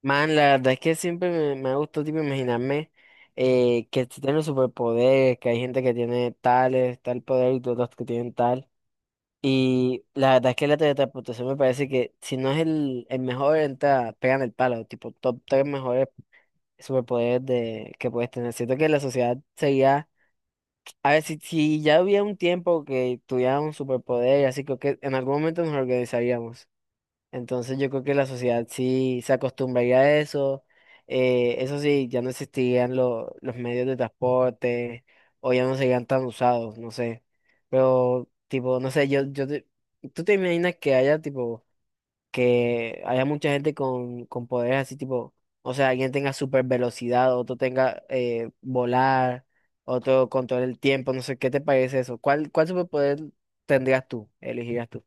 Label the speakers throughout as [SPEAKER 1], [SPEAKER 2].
[SPEAKER 1] Man, la verdad es que siempre me ha gustado tipo imaginarme que si tienen superpoderes, que hay gente que tiene tales, tal poder y otros que tienen tal. Y la verdad es que la teletransportación me parece que si no es el mejor, entra, pegan el palo, tipo top tres mejores superpoderes de, que puedes tener. Siento que la sociedad sería, a ver, si ya hubiera un tiempo que tuviera un superpoder, así creo que en algún momento nos organizaríamos. Entonces yo creo que la sociedad sí se acostumbraría a eso. Eso sí, ya no existirían los medios de transporte o ya no serían tan usados, no sé. Pero tipo, no sé, tú te imaginas que haya tipo, que haya mucha gente con poderes así tipo, o sea, alguien tenga super velocidad, otro tenga volar, otro control el tiempo, no sé, ¿qué te parece eso? ¿Cuál superpoder tendrías tú, elegirías tú?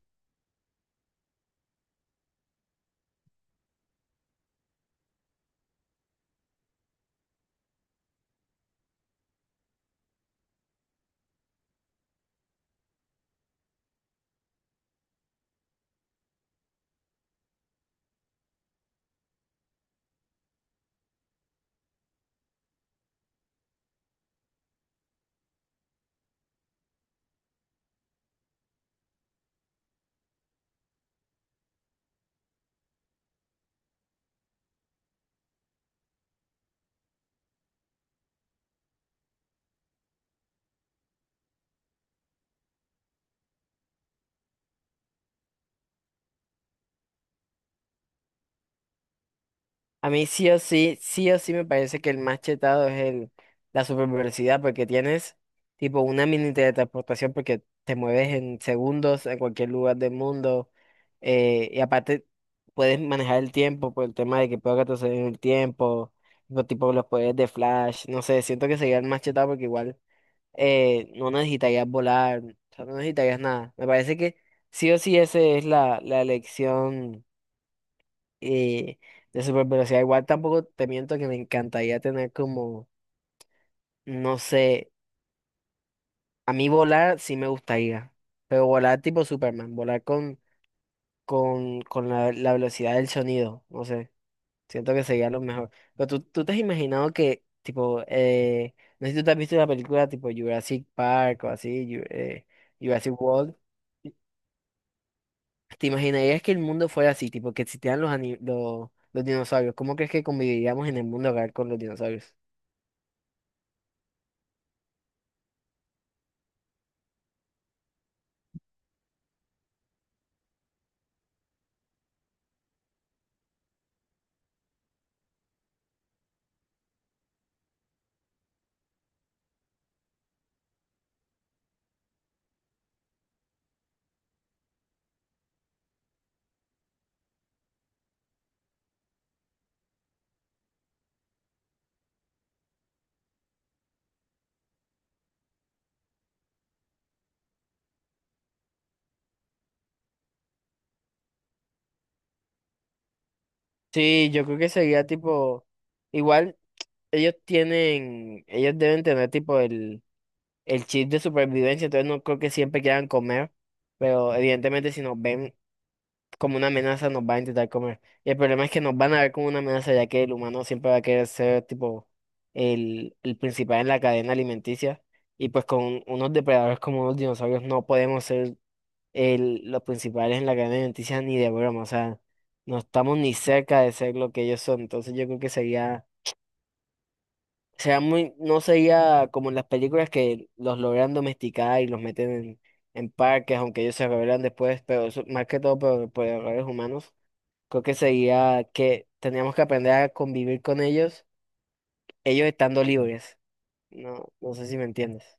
[SPEAKER 1] A mí sí o sí me parece que el más chetado es el, la supervelocidad porque tienes tipo una mini teletransportación porque te mueves en segundos en cualquier lugar del mundo y aparte puedes manejar el tiempo por el tema de que puedo retroceder en el tiempo, tipo los poderes de Flash, no sé, siento que sería el más chetado porque igual no necesitarías volar, o sea, no necesitarías nada. Me parece que sí o sí esa es la elección y de super velocidad, igual tampoco te miento que me encantaría tener como, no sé, a mí volar sí me gustaría, pero volar tipo Superman, volar con, con la velocidad del sonido, no sé, siento que sería lo mejor. Pero tú te has imaginado que, tipo, no sé si tú te has visto la película tipo Jurassic Park o así, Jurassic World. ¿Te imaginarías que el mundo fuera así, tipo que existieran los dinosaurios? ¿Cómo crees que conviviríamos en el mundo real con los dinosaurios? Sí, yo creo que sería tipo, igual ellos tienen, ellos deben tener tipo el chip de supervivencia, entonces no creo que siempre quieran comer, pero evidentemente si nos ven como una amenaza nos van a intentar comer. Y el problema es que nos van a ver como una amenaza ya que el humano siempre va a querer ser tipo el principal en la cadena alimenticia y pues con unos depredadores como unos dinosaurios no podemos ser el, los principales en la cadena alimenticia ni de broma, o sea, no estamos ni cerca de ser lo que ellos son, entonces yo creo que sería, sería muy, no sería como en las películas que los logran domesticar y los meten en parques, aunque ellos se rebelan después, pero eso, más que todo por errores humanos, creo que sería que teníamos que aprender a convivir con ellos, ellos estando libres, no sé si me entiendes.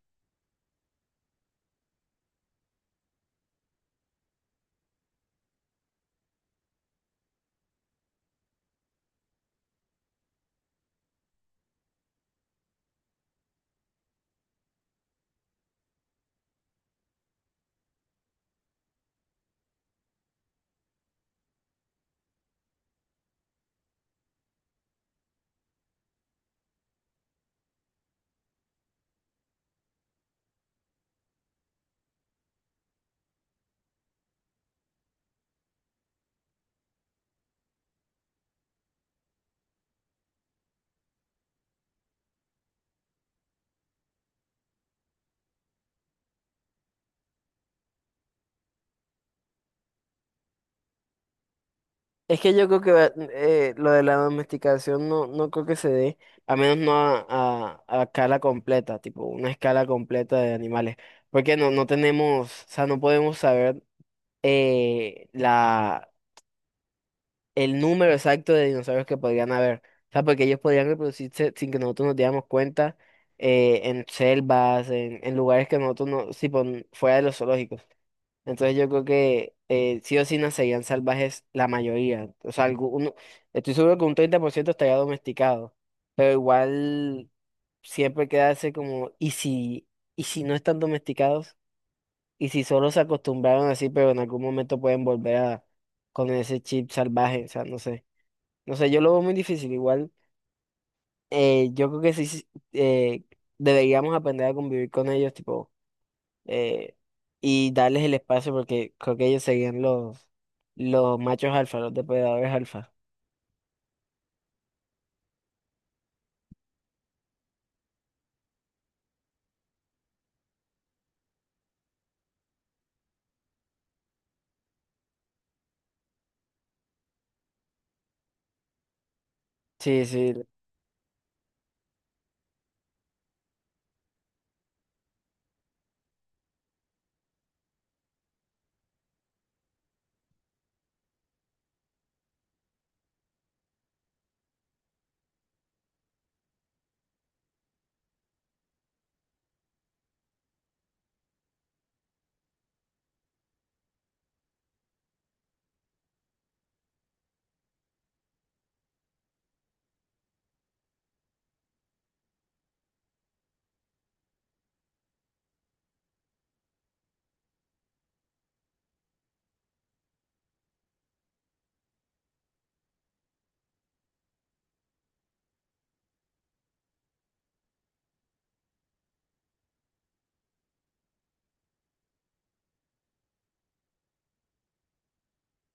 [SPEAKER 1] Es que yo creo que lo de la domesticación no, no creo que se dé, a menos no a escala completa, tipo una escala completa de animales, porque no tenemos, o sea, no podemos saber eh, la, el número exacto de dinosaurios que podrían haber, o sea, porque ellos podrían reproducirse sin que nosotros nos diéramos cuenta en selvas, en lugares que nosotros no, tipo, fuera de los zoológicos. Entonces yo creo que sí o sí nacerían salvajes la mayoría. O sea, estoy seguro que un 30% estaría domesticado. Pero igual siempre quedarse como, y si no están domesticados? ¿Y si solo se acostumbraron así, pero en algún momento pueden volver a con ese chip salvaje? O sea, no sé. No sé, yo lo veo muy difícil. Igual yo creo que sí, eh, deberíamos aprender a convivir con ellos, tipo eh, y darles el espacio porque creo que ellos seguían los machos alfa, los depredadores alfa. Sí, sí,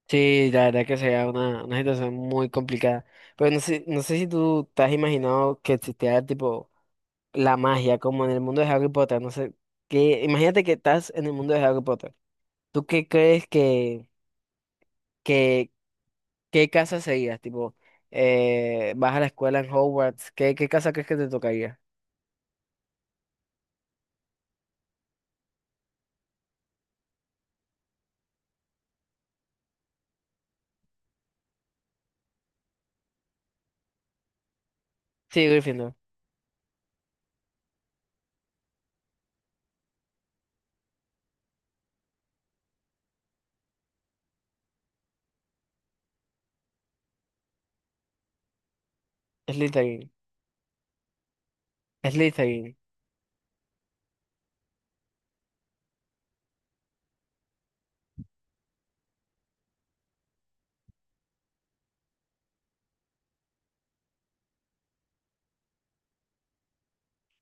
[SPEAKER 1] sí, La verdad que sería una situación muy complicada. Pero no sé, no sé si tú te has imaginado que existiera tipo la magia, como en el mundo de Harry Potter, no sé, que imagínate que estás en el mundo de Harry Potter. ¿Tú qué crees que, qué casa serías? Tipo, vas a la escuela en Hogwarts, ¿qué casa crees que te tocaría? Sí, Gryffindor, Slytherin, Slytherin.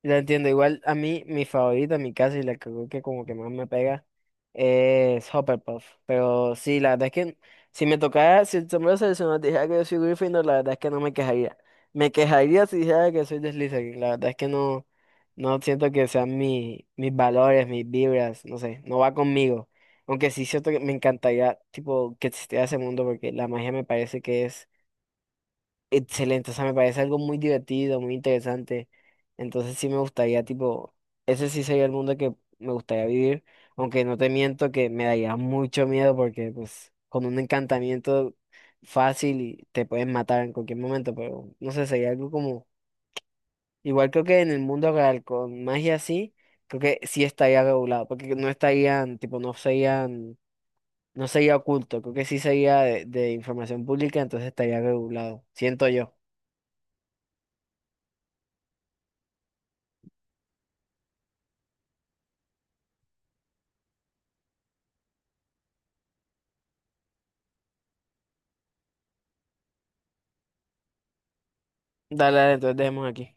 [SPEAKER 1] Ya entiendo, igual a mí, mi favorita, mi casa y la que creo que como que más me pega es Hufflepuff. Pero sí, la verdad es que si me tocara, si el sombrero seleccionado dijera que yo soy Gryffindor, la verdad es que no me quejaría. Me quejaría si dijera que soy de Slytherin. La verdad es que no, no siento que sean mi, mis valores, mis vibras, no sé, no va conmigo. Aunque sí siento que me encantaría, tipo, que existiera ese mundo porque la magia me parece que es excelente, o sea, me parece algo muy divertido, muy interesante. Entonces sí me gustaría, tipo, ese sí sería el mundo que me gustaría vivir, aunque no te miento que me daría mucho miedo porque pues con un encantamiento fácil y te pueden matar en cualquier momento, pero no sé, sería algo como, igual creo que en el mundo real con magia así, creo que sí estaría regulado, porque no estarían, tipo, no serían, no sería oculto, creo que sí sería de información pública, entonces estaría regulado, siento yo. Dale, dale, entonces dejemos aquí.